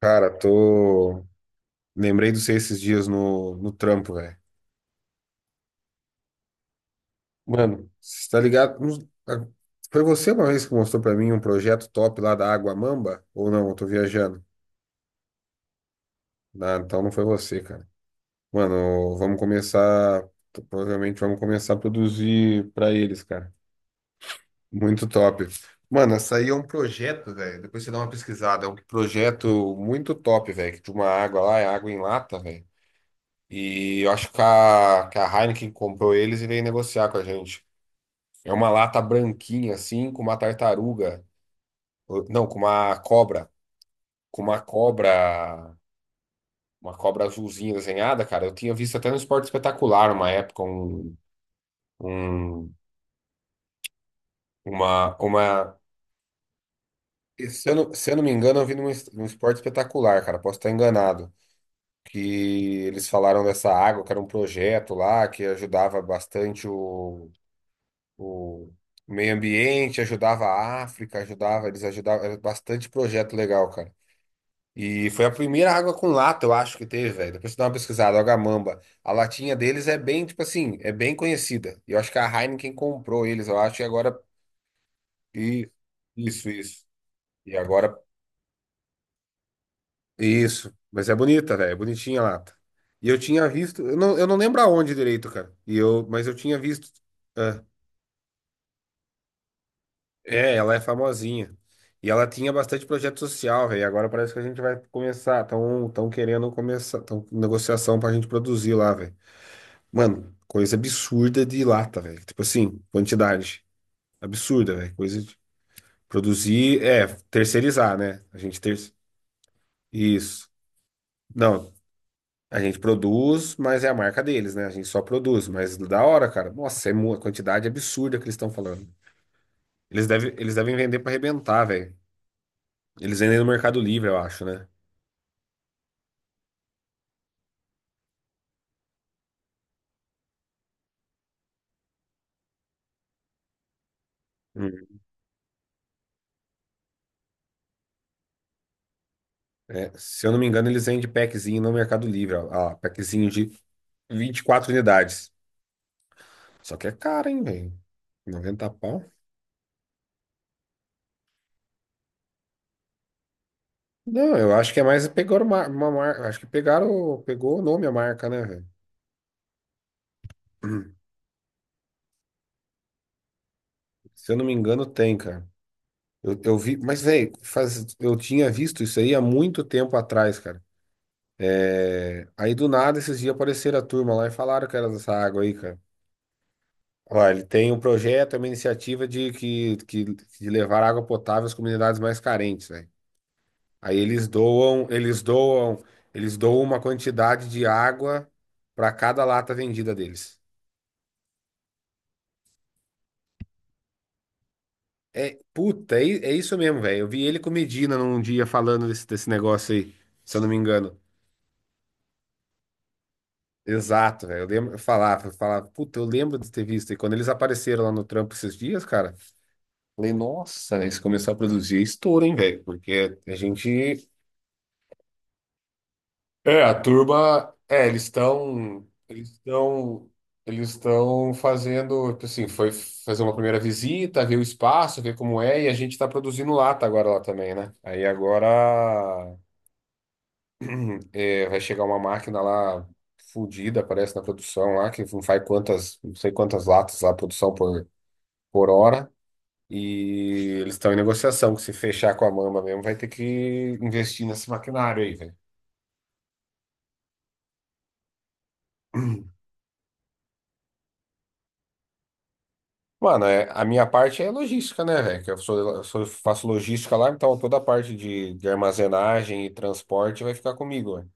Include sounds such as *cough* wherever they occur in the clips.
Cara, tô. Lembrei de você esses dias no trampo, velho. Mano, você tá ligado? Foi você uma vez que mostrou pra mim um projeto top lá da Água Mamba? Ou não? Eu tô viajando. Ah, então não foi você, cara. Mano, vamos começar. Provavelmente vamos começar a produzir pra eles, cara. Muito top. Mano, essa aí é um projeto, velho. Depois você dá uma pesquisada. É um projeto muito top, velho. De uma água lá, é água em lata, velho. E eu acho que a Heineken comprou eles e veio negociar com a gente. É uma lata branquinha, assim, com uma tartaruga. Não, com uma cobra. Com uma cobra. Uma cobra azulzinha desenhada, cara. Eu tinha visto até no Esporte Espetacular uma época. Um- uma, uma... se eu não me engano, eu vi num Esporte Espetacular, cara. Posso estar enganado. Que eles falaram dessa água, que era um projeto lá que ajudava bastante o meio ambiente, ajudava a África, ajudava, eles ajudavam, era bastante projeto legal, cara. E foi a primeira água com lata, eu acho que teve, velho. Depois você dá uma pesquisada, Agamamba. A latinha deles é bem, tipo assim, é bem conhecida. E eu acho que a Heineken comprou eles, eu acho, e agora. E, isso, isso. E agora. Isso. Mas é bonita, velho. É bonitinha a lata. E eu tinha visto. Eu não lembro aonde direito, cara. Mas eu tinha visto. É, ela é famosinha. E ela tinha bastante projeto social, velho. Agora parece que a gente vai começar. Estão tão tão querendo começar. Estão com negociação pra gente produzir lá, velho. Mano, coisa absurda de lata, velho. Tipo assim, quantidade. Absurda, velho. Coisa de produzir. É, terceirizar, né? A gente ter... Isso. Não, a gente produz, mas é a marca deles, né? A gente só produz. Mas da hora, cara. Nossa, é uma quantidade absurda que eles estão falando. Eles devem vender pra arrebentar, velho. Eles vendem no Mercado Livre, eu acho, né? Hum. É, se eu não me engano, eles vendem packzinho no Mercado Livre. Ó, ó, packzinho de 24 unidades. Só que é caro, hein, velho? 90 pau. Não, eu acho que é mais pegaram uma marca. Acho que pegaram, pegou o nome a marca, né, velho? *clears throat* Se eu não me engano, tem, cara. Eu vi, mas, velho, eu tinha visto isso aí há muito tempo atrás, cara. É, aí do nada, esses dias apareceram a turma lá e falaram que era dessa água aí, cara. Ó, ele tem um projeto, é uma iniciativa de levar água potável às comunidades mais carentes, velho. Aí eles doam uma quantidade de água para cada lata vendida deles. É, puta, é isso mesmo, velho. Eu vi ele com o Medina num dia falando desse negócio aí, se eu não me engano. Exato, velho. Eu lembro, eu falava, puta, eu lembro de ter visto. E quando eles apareceram lá no trampo esses dias, cara, falei, nossa, né, eles começaram a produzir é estouro, hein, velho? Porque a gente. É, a turma, é, eles estão fazendo, tipo assim, foi fazer uma primeira visita, ver o espaço, ver como é, e a gente está produzindo lata agora lá também, né? Aí agora vai chegar uma máquina lá fudida, parece, na produção lá, que não faz não sei quantas latas lá, produção por hora, e eles estão em negociação, que se fechar com a Mamba mesmo, vai ter que investir nesse maquinário aí, velho. Mano, a minha parte é logística, né, velho? Que faço logística lá, então toda a parte de armazenagem e transporte vai ficar comigo, velho.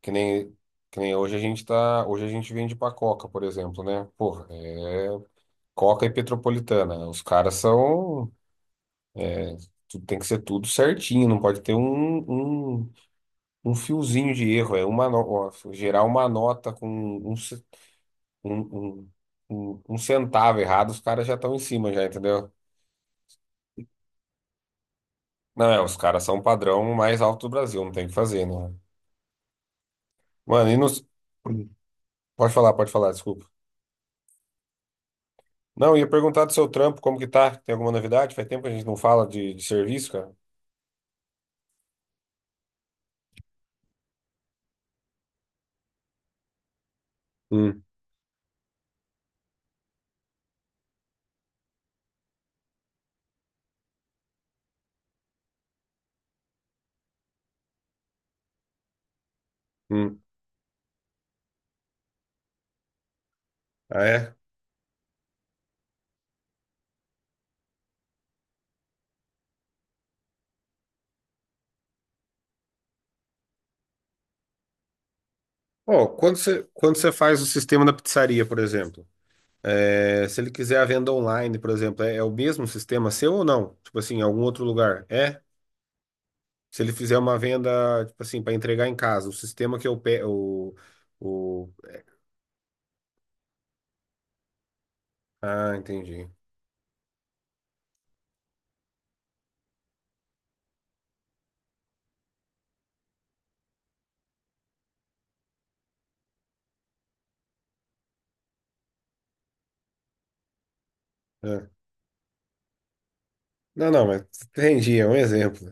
Que nem, que nem hoje a gente tá. Hoje a gente vende pra Coca, por exemplo, né? Porra, é Coca e Petropolitana, né? Os caras são. Tem que ser tudo certinho, não pode ter um fiozinho de erro. É uma, no- ó, gerar uma nota com um, um, um centavo errado, os caras já estão em cima, já, entendeu? Não, os caras são o padrão mais alto do Brasil, não tem o que fazer, né? Mano, e nos... pode falar, desculpa. Não, eu ia perguntar do seu trampo, como que tá? Tem alguma novidade? Faz tempo que a gente não fala de serviço, cara. Hum, hum. Ah, é? Pô, quando você faz o sistema da pizzaria, por exemplo, se ele quiser a venda online, por exemplo, é o mesmo sistema seu ou não? Tipo assim, em algum outro lugar? É? Se ele fizer uma venda, tipo assim, para entregar em casa, o sistema que eu pego. O, o... Ah, entendi. É. Não, não, mas entendi, é um exemplo.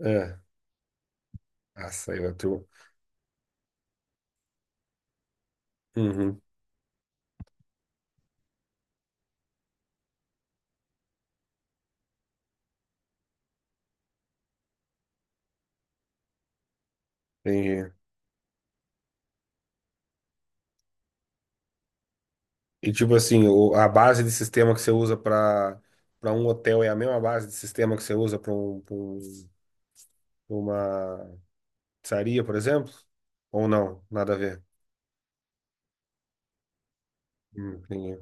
É. Nossa, aí vai tu. Uhum, entendi. E tipo assim, a base de sistema que você usa para um hotel é a mesma base de sistema que você usa para pra uma pizzaria, por exemplo? Ou não? Nada a ver. Entendi.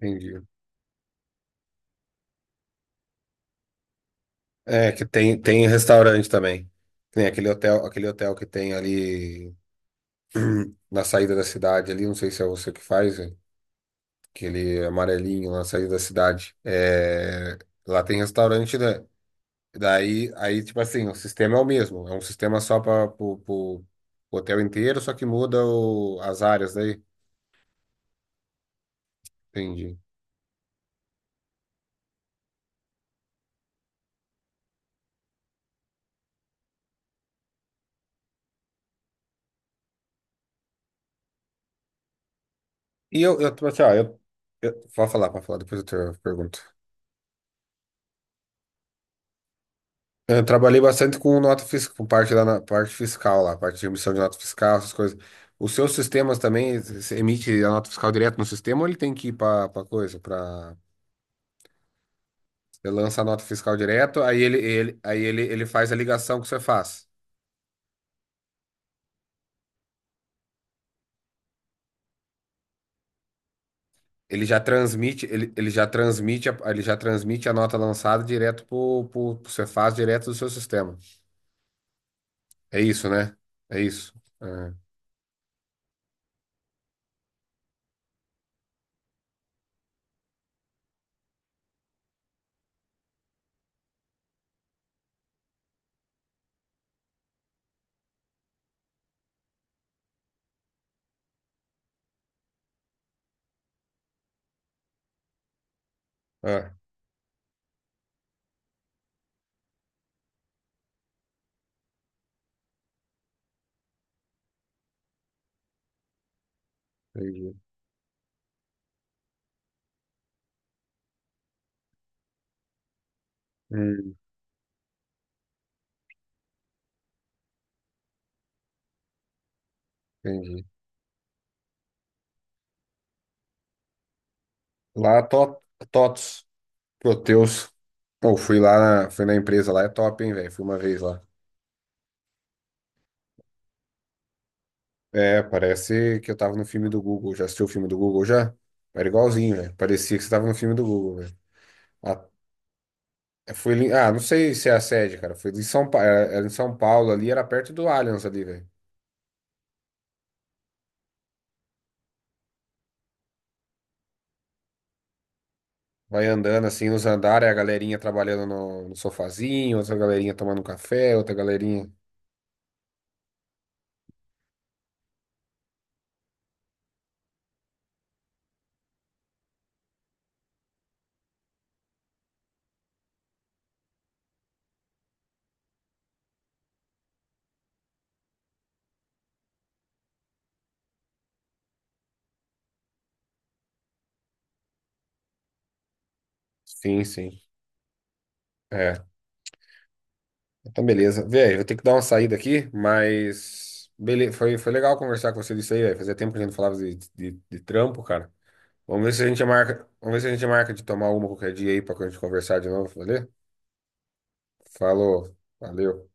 Entendi. É, que tem restaurante também. Tem aquele hotel, que tem ali *clears throat* na saída da cidade ali, não sei se é você que faz. Aquele amarelinho lá na saída da cidade. É, lá tem restaurante, né? Daí, aí, tipo assim, o sistema é o mesmo. É um sistema só para o hotel inteiro, só que muda as áreas daí. Entendi. Tipo assim, ó, pode falar, depois eu te pergunto. Eu trabalhei bastante com nota fiscal, com parte parte fiscal lá, parte de emissão de nota fiscal, essas coisas. Os seus sistemas também, você emite a nota fiscal direto no sistema ou ele tem que ir para coisa, para. Você lança a nota fiscal direto, ele faz a ligação que você faz. Ele já transmite. Ele já transmite a nota lançada direto pro Cefaz, direto do seu sistema. É isso, né? É isso. É. Ah, entendi. Hum, entendi. Lá, TOTS, Proteus. Pô, fui lá, fui na empresa lá, é top, hein, velho? Fui uma vez lá. É, parece que eu tava no filme do Google. Já assistiu o filme do Google já? Era igualzinho, velho. Parecia que você tava no filme do Google, velho. Não sei se é a sede, cara. Foi em São Paulo, era em São Paulo ali, era perto do Allianz ali, velho. Vai andando assim nos andares, a galerinha trabalhando no sofazinho, outra galerinha tomando um café, outra galerinha. Sim, sim. É, então beleza. Velho, vou ter que dar uma saída aqui, mas beleza, foi legal conversar com você disso aí, velho. Fazia tempo que a gente não falava de trampo, cara. Vamos ver se a gente marca de tomar uma qualquer dia aí pra gente conversar de novo, valeu? Falou, valeu.